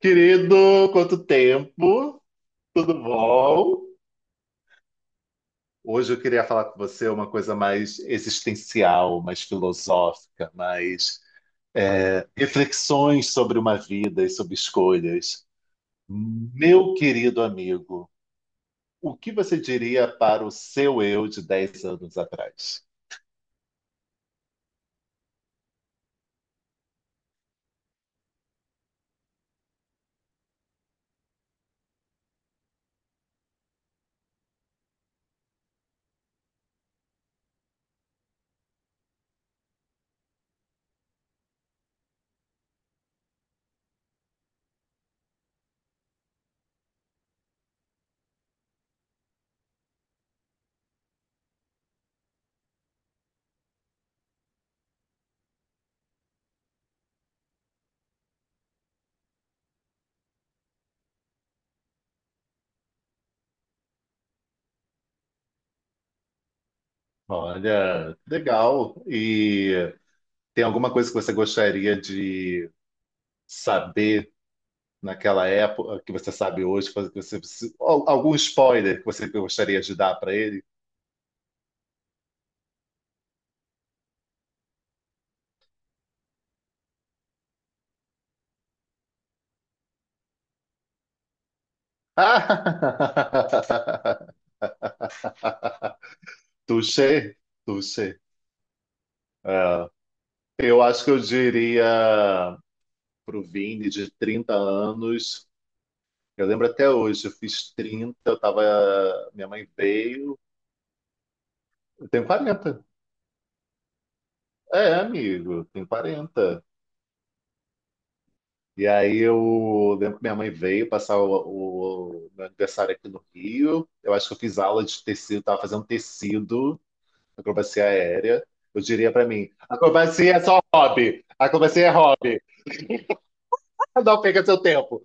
Querido, quanto tempo? Tudo bom? Hoje eu queria falar com você uma coisa mais existencial, mais filosófica, mais reflexões sobre uma vida e sobre escolhas. Meu querido amigo, o que você diria para o seu eu de 10 anos atrás? Olha, legal. E tem alguma coisa que você gostaria de saber naquela época que você sabe hoje, que você, algum spoiler que você gostaria de dar para ele? Touché, touché. É, eu acho que eu diria pro Vini de 30 anos. Eu lembro até hoje, eu fiz 30, eu tava, minha mãe veio. Eu tenho 40. É, amigo, eu tenho 40. E aí eu lembro que minha mãe veio passar o meu aniversário aqui no Rio. Eu acho que eu fiz aula de tecido, estava fazendo tecido, acrobacia aérea. Eu diria para mim, acrobacia é só hobby. Acrobacia é hobby. Não perca seu tempo.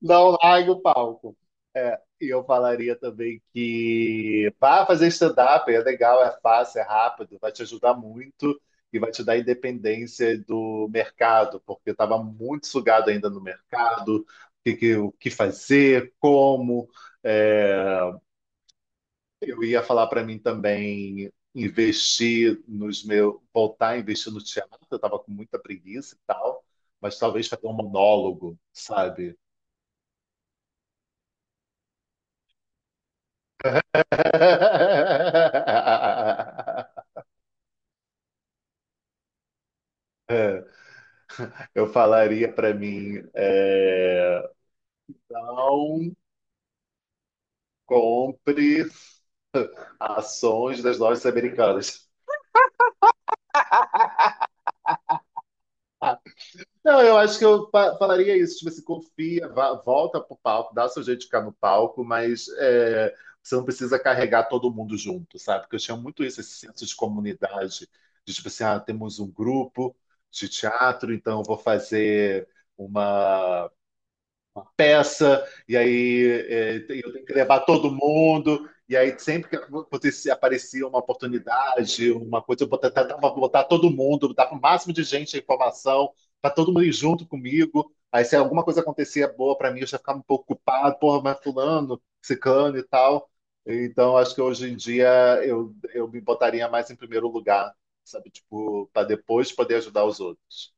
Não largue o palco. É, e eu falaria também que vá fazer stand-up, é legal, é fácil, é rápido, vai te ajudar muito e vai te dar independência do mercado, porque eu estava muito sugado ainda no mercado, o o que fazer, como. É, eu ia falar para mim também investir nos meus, voltar a investir no teatro, eu estava com muita preguiça e tal, mas talvez fazer um monólogo, sabe? Eu falaria para mim, não compre ações das lojas americanas. Não, eu acho que eu falaria isso, tipo assim, confia, volta pro palco, dá seu jeito de ficar no palco, mas é, você não precisa carregar todo mundo junto, sabe? Porque eu tinha muito isso, esse senso de comunidade, de tipo assim, ah, temos um grupo de teatro, então eu vou fazer uma peça, e aí é, eu tenho que levar todo mundo. E aí, sempre que aparecia uma oportunidade, uma coisa, eu tentava botar todo mundo, botar o máximo de gente a informação, para todo mundo ir junto comigo. Aí, se alguma coisa acontecia boa para mim, eu já ficava um pouco culpado, porra, mas fulano, ciclano e tal. Então, acho que hoje em dia eu me botaria mais em primeiro lugar, sabe? Tipo, para depois poder ajudar os outros.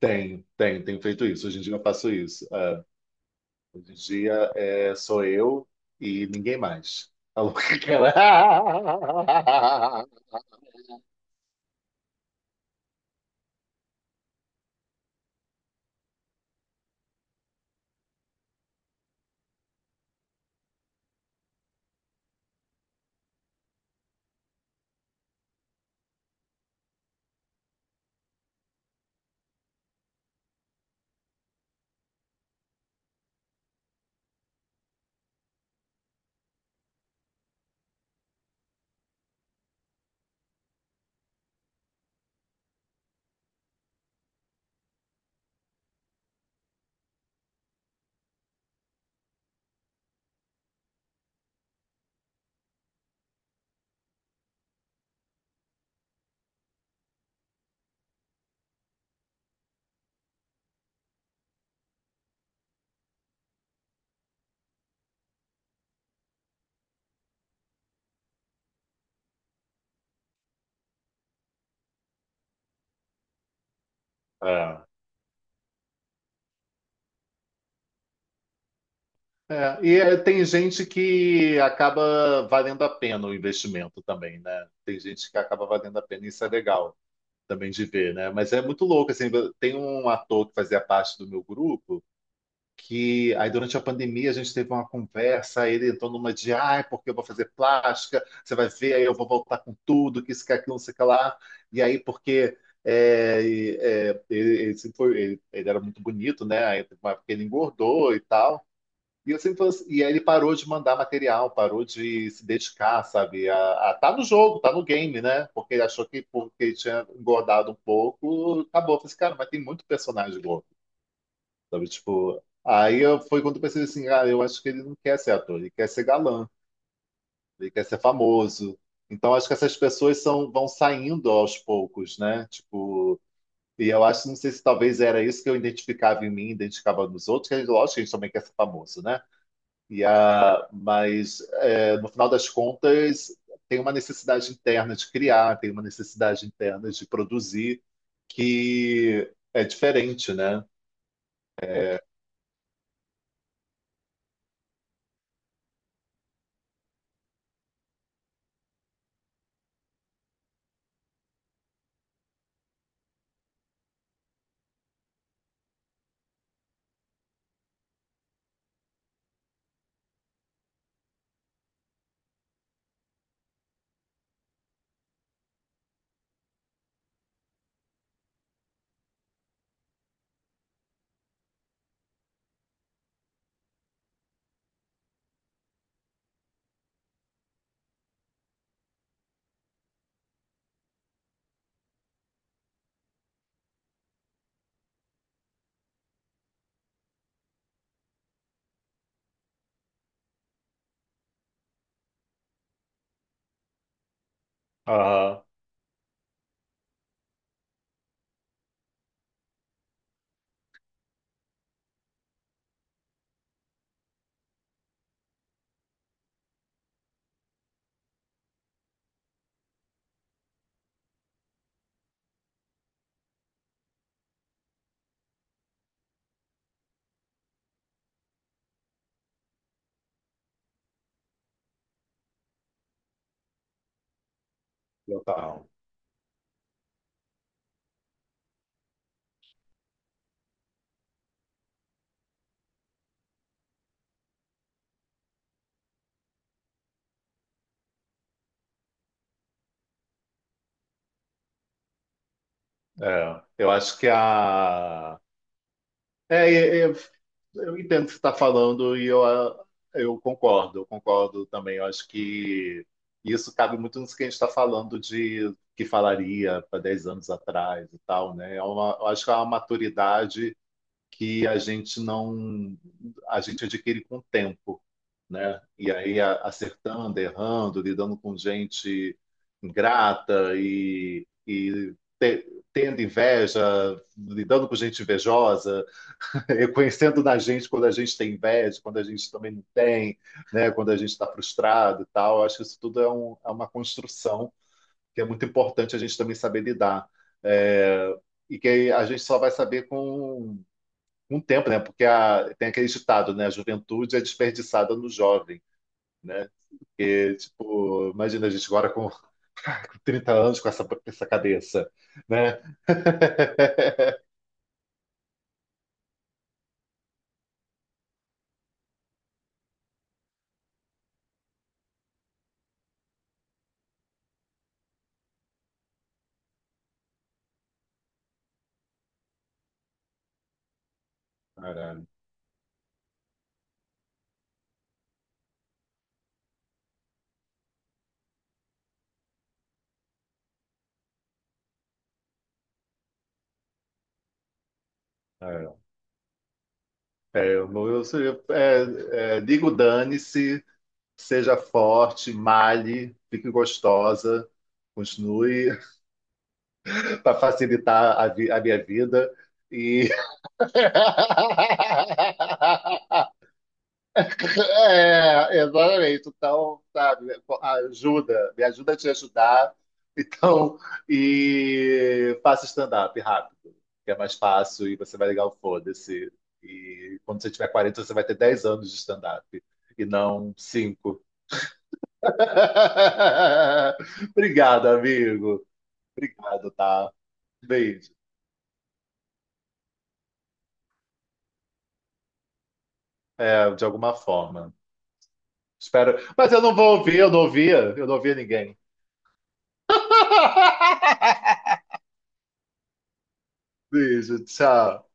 Tenho, tenho, tenho feito isso. Hoje em dia eu faço isso. É. Hoje em dia é, sou eu e ninguém mais. A louca que ela- É. E é, tem gente que acaba valendo a pena o investimento também, né? Tem gente que acaba valendo a pena, isso é legal também de ver, né? Mas é muito louco, assim, tem um ator que fazia parte do meu grupo. Que aí durante a pandemia a gente teve uma conversa, aí ele entrou numa de, ah porque eu vou fazer plástica, você vai ver, aí eu vou voltar com tudo, que isso, que aquilo, não sei o que lá. E aí, porque ele sempre ele era muito bonito, né? Aí teve uma época que ele engordou e tal. E eu sempre falei assim, e aí ele parou de mandar material, parou de se dedicar, sabe? Tá no jogo, tá no game, né? Porque ele achou que porque ele tinha engordado um pouco, acabou. Eu falei assim, cara, mas tem muito personagem gordo. Sabe, tipo, foi quando eu percebi assim, ah, eu acho que ele não quer ser ator, ele quer ser galã, ele quer ser famoso. Então acho que essas pessoas são, vão saindo aos poucos, né? Tipo, e eu acho, não sei se talvez era isso que eu identificava em mim, identificava nos outros, que a gente- lógico que a gente também quer ser famoso, né? No final das contas tem uma necessidade interna de criar, tem uma necessidade interna de produzir que é diferente, né? Aham, total. É, eu acho que a. É, é, é, eu entendo o que você está falando e eu eu concordo também. Eu acho que isso cabe muito nisso que a gente está falando de que falaria para 10 anos atrás e tal, né? É uma, eu acho que é uma maturidade que a gente não a gente adquire com o tempo, né? E aí acertando, errando, lidando com gente ingrata e te- tendo inveja, lidando com gente invejosa, reconhecendo na gente quando a gente tem inveja, quando a gente também não tem, né? Quando a gente está frustrado e tal. Eu acho que isso tudo é, é uma construção que é muito importante a gente também saber lidar. É, e que a gente só vai saber com um tempo, né? Porque a, tem aquele ditado, né? A juventude é desperdiçada no jovem, né? Porque, tipo, imagina a gente agora com 30 anos com com essa cabeça, né? Caralho. É, é, eu, não- eu- é, é, Digo dane-se, seja forte, malhe, fique gostosa, continue para facilitar a minha vida e É, exatamente. Então, sabe, me ajuda a te ajudar. Então, e faça stand-up rápido, que é mais fácil e você vai ligar o foda-se. E quando você tiver 40, você vai ter 10 anos de stand-up e não 5. Obrigado, amigo. Obrigado, tá? Beijo. É, de alguma forma. Espero. Mas eu não vou ouvir, eu não ouvia ninguém. Beijo, tchau.